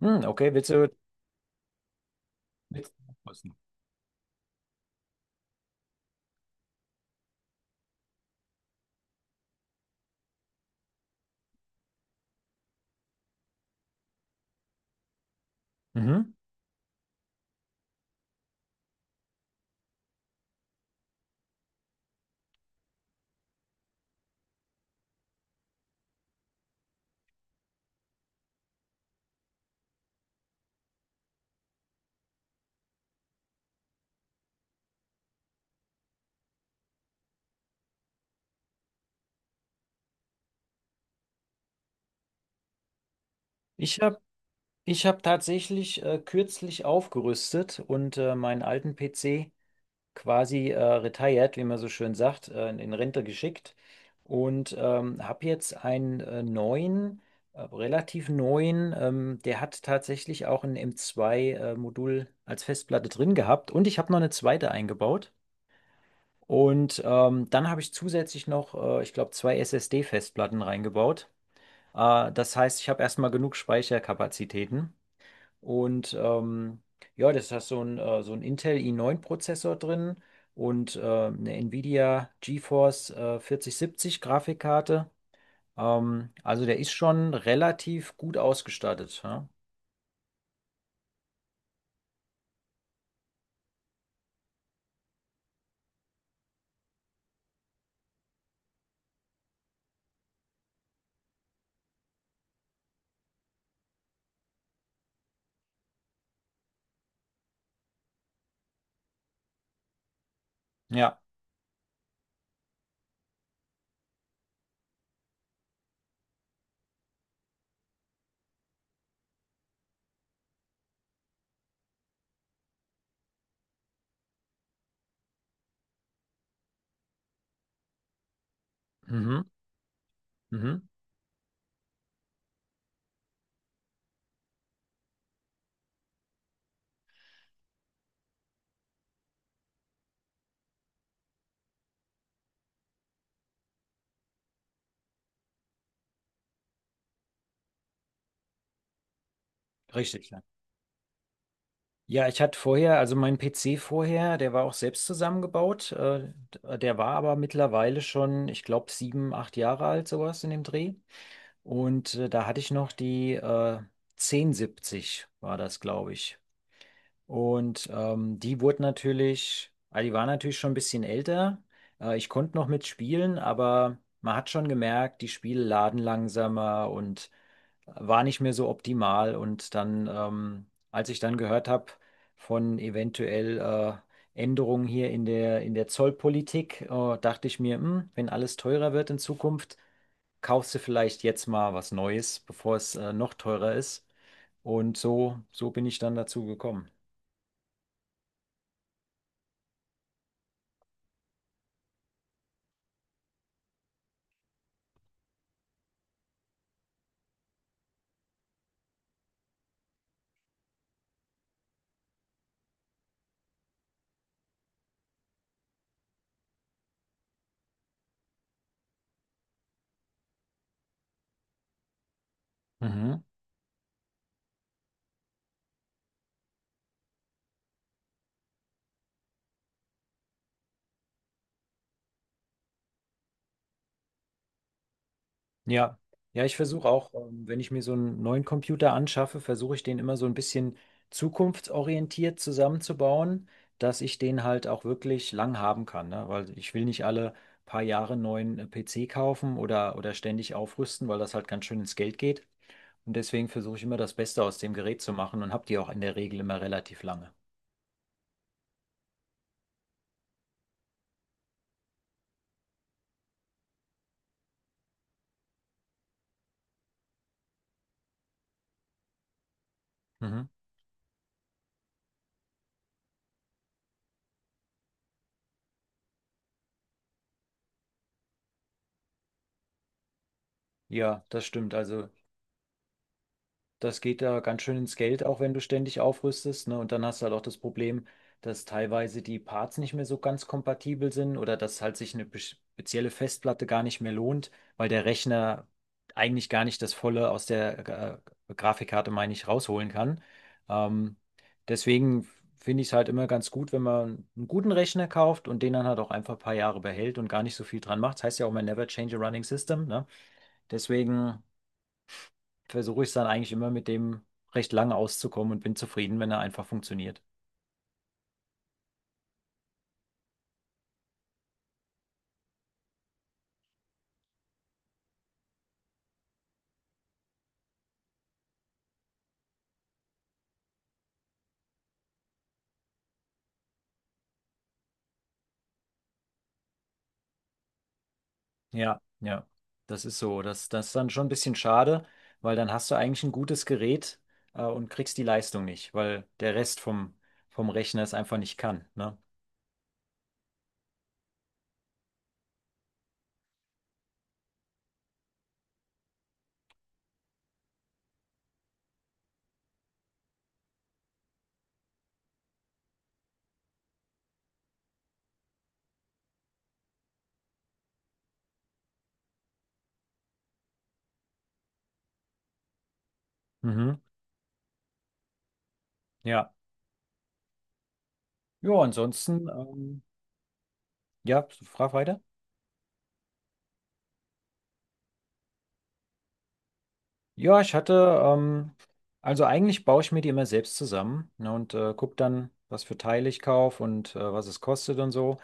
Hm, okay, willst du, willst Was ist Mhm. Ich habe ich hab tatsächlich kürzlich aufgerüstet und meinen alten PC quasi retired, wie man so schön sagt, in Rente geschickt und habe jetzt einen neuen, relativ neuen, der hat tatsächlich auch ein M.2 Modul als Festplatte drin gehabt und ich habe noch eine zweite eingebaut. Und dann habe ich zusätzlich noch, ich glaube, zwei SSD-Festplatten reingebaut. Das heißt, ich habe erstmal genug Speicherkapazitäten. Und ja, das hat so ein Intel i9-Prozessor drin und eine Nvidia GeForce 4070 Grafikkarte. Also der ist schon relativ gut ausgestattet. Ja, ja. Mhm. Mhm. Richtig. Ja, ja, ich hatte vorher, also mein PC vorher, der war auch selbst zusammengebaut. Der war aber mittlerweile schon, ich glaube, sieben, acht Jahre alt, sowas in dem Dreh. Und da hatte ich noch die 1070 war das, glaube ich. Und die wurde natürlich, ah, die war natürlich schon ein bisschen älter. Ich konnte noch mitspielen, aber man hat schon gemerkt, die Spiele laden langsamer und war nicht mehr so optimal. Und dann, als ich dann gehört habe von eventuell Änderungen hier in der Zollpolitik, dachte ich mir, wenn alles teurer wird in Zukunft, kaufst du vielleicht jetzt mal was Neues, bevor es noch teurer ist. Und so bin ich dann dazu gekommen. Mhm. Ja, ja, ich versuche auch, wenn ich mir so einen neuen Computer anschaffe, versuche ich den immer so ein bisschen zukunftsorientiert zusammenzubauen, dass ich den halt auch wirklich lang haben kann, ne? Weil ich will nicht alle paar Jahre einen neuen PC kaufen oder ständig aufrüsten, weil das halt ganz schön ins Geld geht. Und deswegen versuche ich immer das Beste aus dem Gerät zu machen und habe die auch in der Regel immer relativ lange. Mhm. Ja, das stimmt. Also, das geht da ganz schön ins Geld, auch wenn du ständig aufrüstest, ne? Und dann hast du halt auch das Problem, dass teilweise die Parts nicht mehr so ganz kompatibel sind oder dass halt sich eine spezielle Festplatte gar nicht mehr lohnt, weil der Rechner eigentlich gar nicht das Volle aus der Grafikkarte, meine ich, rausholen kann. Ähm, Deswegen finde ich es halt immer ganz gut, wenn man einen guten Rechner kauft und den dann halt auch einfach ein paar Jahre behält und gar nicht so viel dran macht. Das heißt ja auch mal Never Change a Running System, ne? Deswegen versuche ich es dann eigentlich immer mit dem recht lange auszukommen und bin zufrieden, wenn er einfach funktioniert. Ja, ja, das ist so. Das ist dann schon ein bisschen schade, weil dann hast du eigentlich ein gutes Gerät, und kriegst die Leistung nicht, weil der Rest vom Rechner es einfach nicht kann, ne? Mhm, ja. Ja, ansonsten, ja, frag weiter. Ja, ich hatte, also eigentlich baue ich mir die immer selbst zusammen, ne, und gucke dann, was für Teile ich kaufe und was es kostet und so.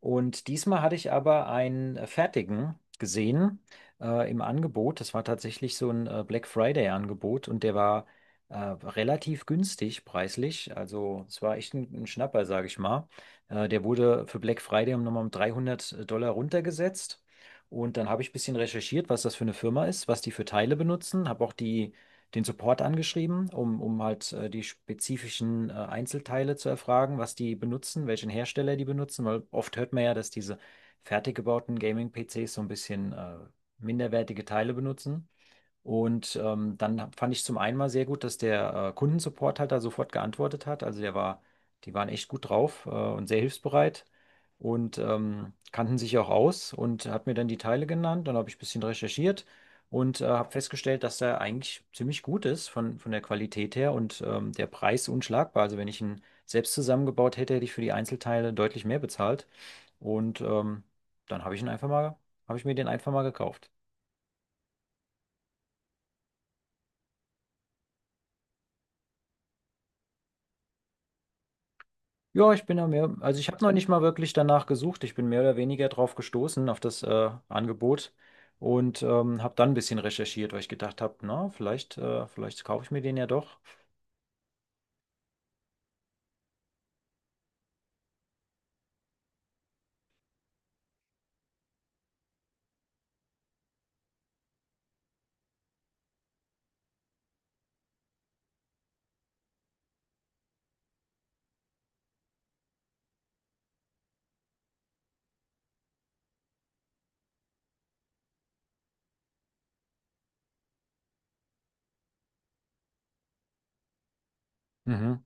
Und diesmal hatte ich aber einen fertigen gesehen im Angebot. Das war tatsächlich so ein Black Friday-Angebot und der war relativ günstig preislich. Also es war echt ein Schnapper, sage ich mal. Der wurde für Black Friday um nochmal um 300 Dollar runtergesetzt. Und dann habe ich ein bisschen recherchiert, was das für eine Firma ist, was die für Teile benutzen, habe auch die, den Support angeschrieben, um halt die spezifischen Einzelteile zu erfragen, was die benutzen, welchen Hersteller die benutzen, weil oft hört man ja, dass diese fertig gebauten Gaming-PCs so ein bisschen minderwertige Teile benutzen. Und dann fand ich zum einen mal sehr gut, dass der Kundensupport halt da sofort geantwortet hat. Also der war, die waren echt gut drauf und sehr hilfsbereit und kannten sich auch aus und hat mir dann die Teile genannt. Dann habe ich ein bisschen recherchiert und habe festgestellt, dass der eigentlich ziemlich gut ist von der Qualität her und der Preis unschlagbar. Also wenn ich ihn selbst zusammengebaut hätte, hätte ich für die Einzelteile deutlich mehr bezahlt. Und dann habe ich ihn einfach mal, habe ich mir den einfach mal gekauft. Ja, ich bin ja mehr, also ich habe noch nicht mal wirklich danach gesucht. Ich bin mehr oder weniger drauf gestoßen, auf das Angebot und habe dann ein bisschen recherchiert, weil ich gedacht habe, na, vielleicht kaufe ich mir den ja doch. Mhm.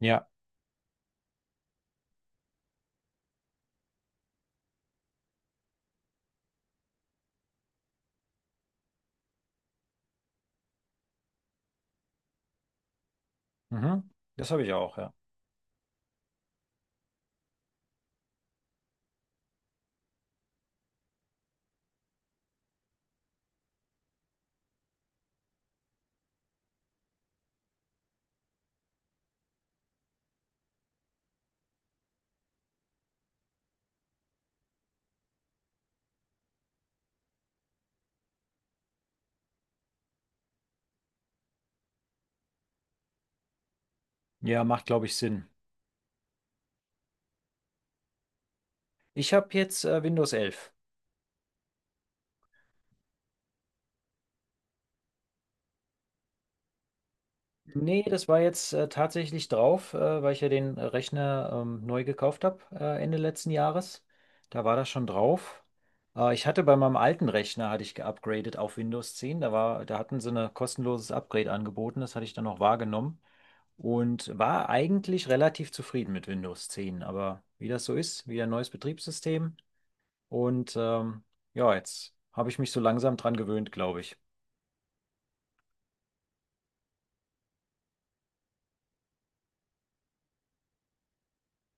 Ja, mhm. Das habe ich auch, ja. Ja, macht, glaube ich, Sinn. Ich habe jetzt Windows 11. Nee, das war jetzt tatsächlich drauf, weil ich ja den Rechner neu gekauft habe Ende letzten Jahres. Da war das schon drauf. Ich hatte bei meinem alten Rechner, hatte ich geupgradet auf Windows 10. Da hatten sie ein kostenloses Upgrade angeboten. Das hatte ich dann noch wahrgenommen und war eigentlich relativ zufrieden mit Windows 10. Aber wie das so ist, wieder ein neues Betriebssystem. Und ja, jetzt habe ich mich so langsam dran gewöhnt, glaube ich.